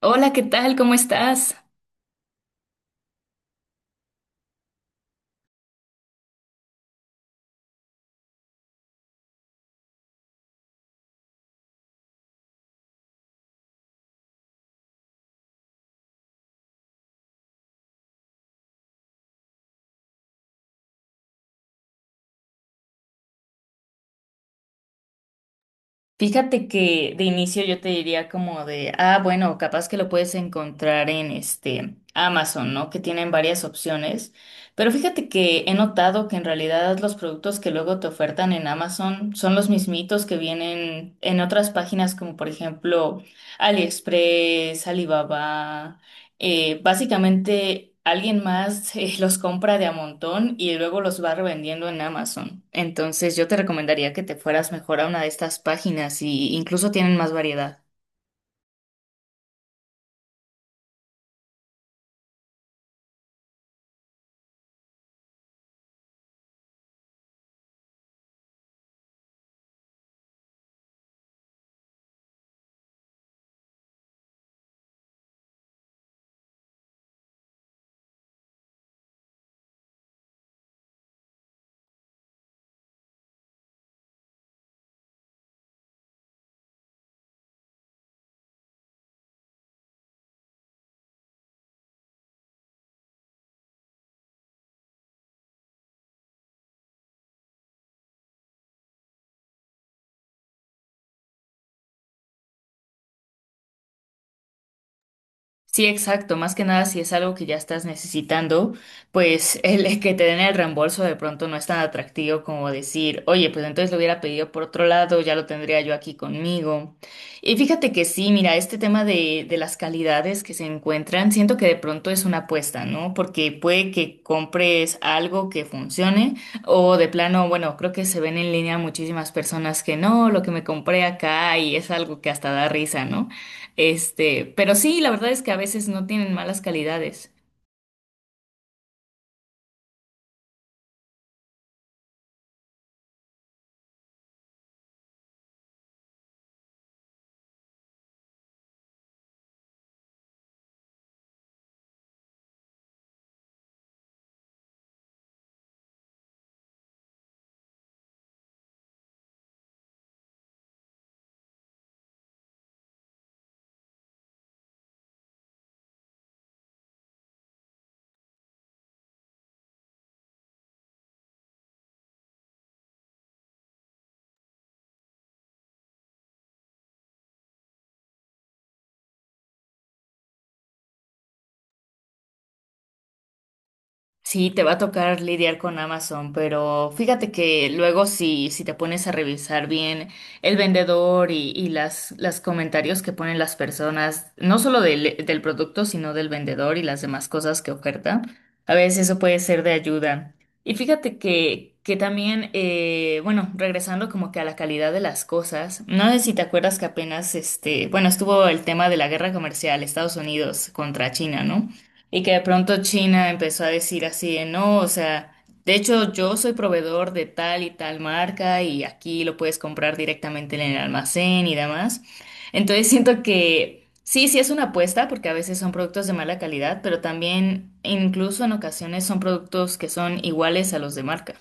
Hola, ¿qué tal? ¿Cómo estás? Fíjate que de inicio yo te diría como de, ah, bueno, capaz que lo puedes encontrar en este Amazon, ¿no? Que tienen varias opciones. Pero fíjate que he notado que en realidad los productos que luego te ofertan en Amazon son los mismitos que vienen en otras páginas como por ejemplo AliExpress, Alibaba. Básicamente alguien más los compra de a montón y luego los va revendiendo en Amazon. Entonces yo te recomendaría que te fueras mejor a una de estas páginas y incluso tienen más variedad. Sí, exacto. Más que nada, si es algo que ya estás necesitando, pues el que te den el reembolso de pronto no es tan atractivo como decir, oye, pues entonces lo hubiera pedido por otro lado, ya lo tendría yo aquí conmigo. Y fíjate que sí, mira, este tema de las calidades que se encuentran, siento que de pronto es una apuesta, ¿no? Porque puede que compres algo que funcione o de plano, bueno, creo que se ven en línea muchísimas personas que no, lo que me compré acá y es algo que hasta da risa, ¿no? Este, pero sí, la verdad es que a veces no tienen malas calidades. Sí, te va a tocar lidiar con Amazon, pero fíjate que luego si te pones a revisar bien el vendedor y, y las comentarios que ponen las personas, no solo del producto, sino del vendedor y las demás cosas que oferta, a veces eso puede ser de ayuda. Y fíjate que también, bueno, regresando como que a la calidad de las cosas, no sé si te acuerdas que apenas, este, bueno, estuvo el tema de la guerra comercial Estados Unidos contra China, ¿no? Y que de pronto China empezó a decir así de no, o sea, de hecho yo soy proveedor de tal y tal marca y aquí lo puedes comprar directamente en el almacén y demás. Entonces siento que sí, sí es una apuesta porque a veces son productos de mala calidad, pero también incluso en ocasiones son productos que son iguales a los de marca.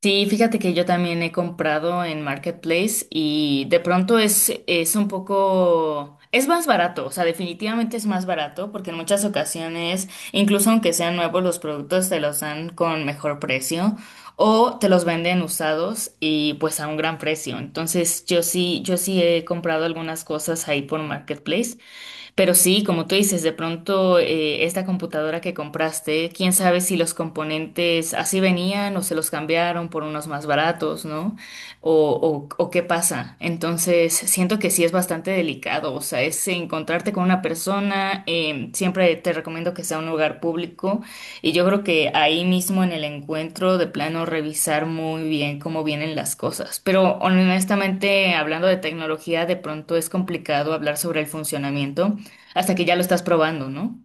Sí, fíjate que yo también he comprado en Marketplace y de pronto es un poco, es más barato, o sea, definitivamente es más barato porque en muchas ocasiones, incluso aunque sean nuevos, los productos te los dan con mejor precio o te los venden usados y pues a un gran precio. Entonces yo sí, yo sí he comprado algunas cosas ahí por Marketplace. Pero sí, como tú dices, de pronto esta computadora que compraste, quién sabe si los componentes así venían o se los cambiaron por unos más baratos, ¿no? O qué pasa. Entonces, siento que sí es bastante delicado, o sea, es encontrarte con una persona, siempre te recomiendo que sea un lugar público y yo creo que ahí mismo en el encuentro de plano revisar muy bien cómo vienen las cosas. Pero honestamente, hablando de tecnología, de pronto es complicado hablar sobre el funcionamiento, hasta que ya lo estás probando, ¿no?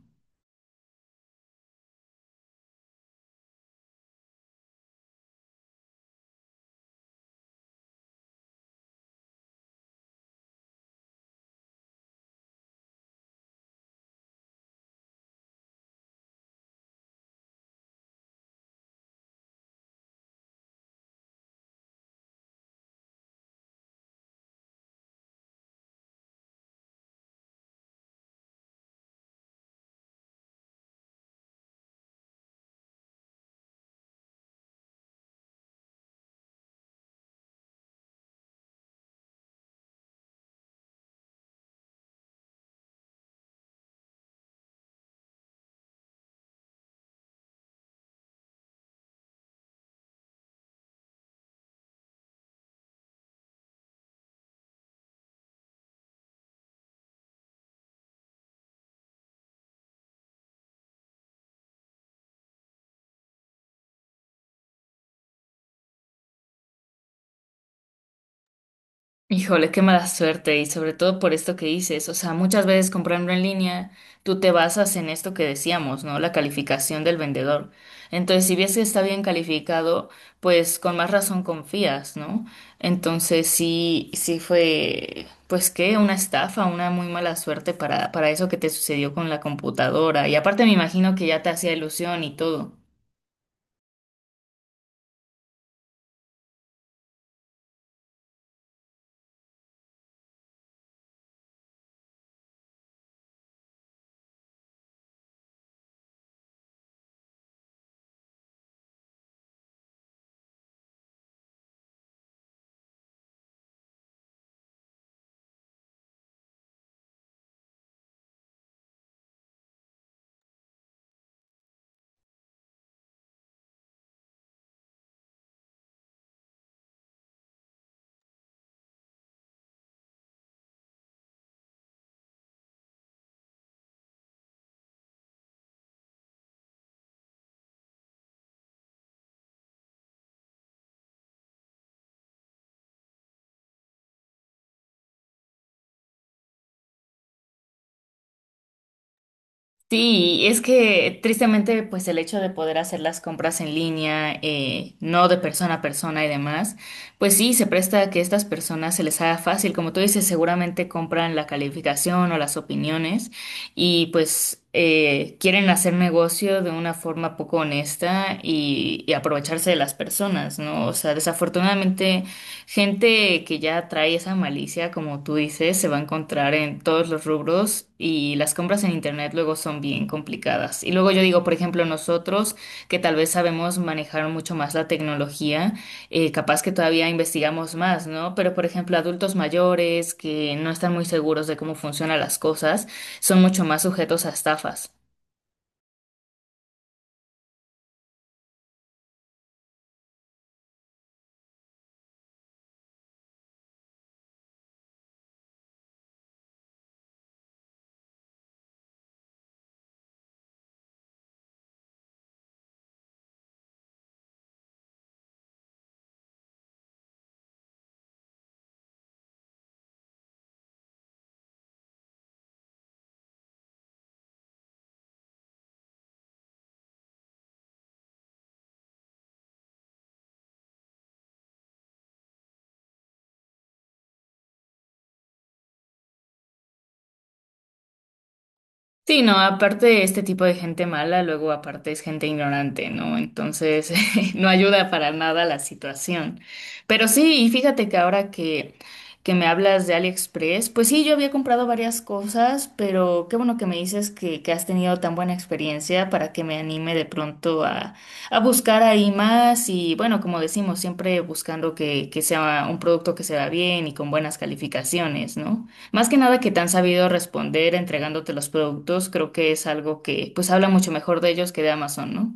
Híjole, qué mala suerte y sobre todo por esto que dices, o sea, muchas veces comprando en línea, tú te basas en esto que decíamos, ¿no? La calificación del vendedor. Entonces, si ves que está bien calificado, pues con más razón confías, ¿no? Entonces, sí, sí fue, pues qué, una estafa, una muy mala suerte para eso que te sucedió con la computadora. Y aparte me imagino que ya te hacía ilusión y todo. Sí, es que tristemente, pues el hecho de poder hacer las compras en línea, no de persona a persona y demás, pues sí, se presta a que estas personas se les haga fácil. Como tú dices, seguramente compran la calificación o las opiniones y pues quieren hacer negocio de una forma poco honesta y aprovecharse de las personas, ¿no? O sea, desafortunadamente. Gente que ya trae esa malicia, como tú dices, se va a encontrar en todos los rubros y las compras en internet luego son bien complicadas. Y luego yo digo, por ejemplo, nosotros que tal vez sabemos manejar mucho más la tecnología, capaz que todavía investigamos más, ¿no? Pero, por ejemplo, adultos mayores que no están muy seguros de cómo funcionan las cosas son mucho más sujetos a estafas. Sí, no, aparte este tipo de gente mala, luego aparte es gente ignorante, ¿no? Entonces no ayuda para nada la situación. Pero sí, y fíjate que ahora que me hablas de AliExpress, pues sí, yo había comprado varias cosas, pero qué bueno que me dices que has tenido tan buena experiencia para que me anime de pronto a buscar ahí más y bueno, como decimos, siempre buscando que sea un producto que se vea bien y con buenas calificaciones, ¿no? Más que nada que te han sabido responder entregándote los productos, creo que es algo que pues habla mucho mejor de ellos que de Amazon, ¿no?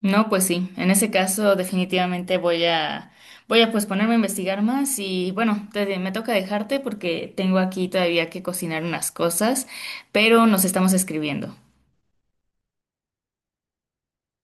No, pues sí, en ese caso definitivamente voy a pues ponerme a investigar más y bueno, me toca dejarte porque tengo aquí todavía que cocinar unas cosas, pero nos estamos escribiendo.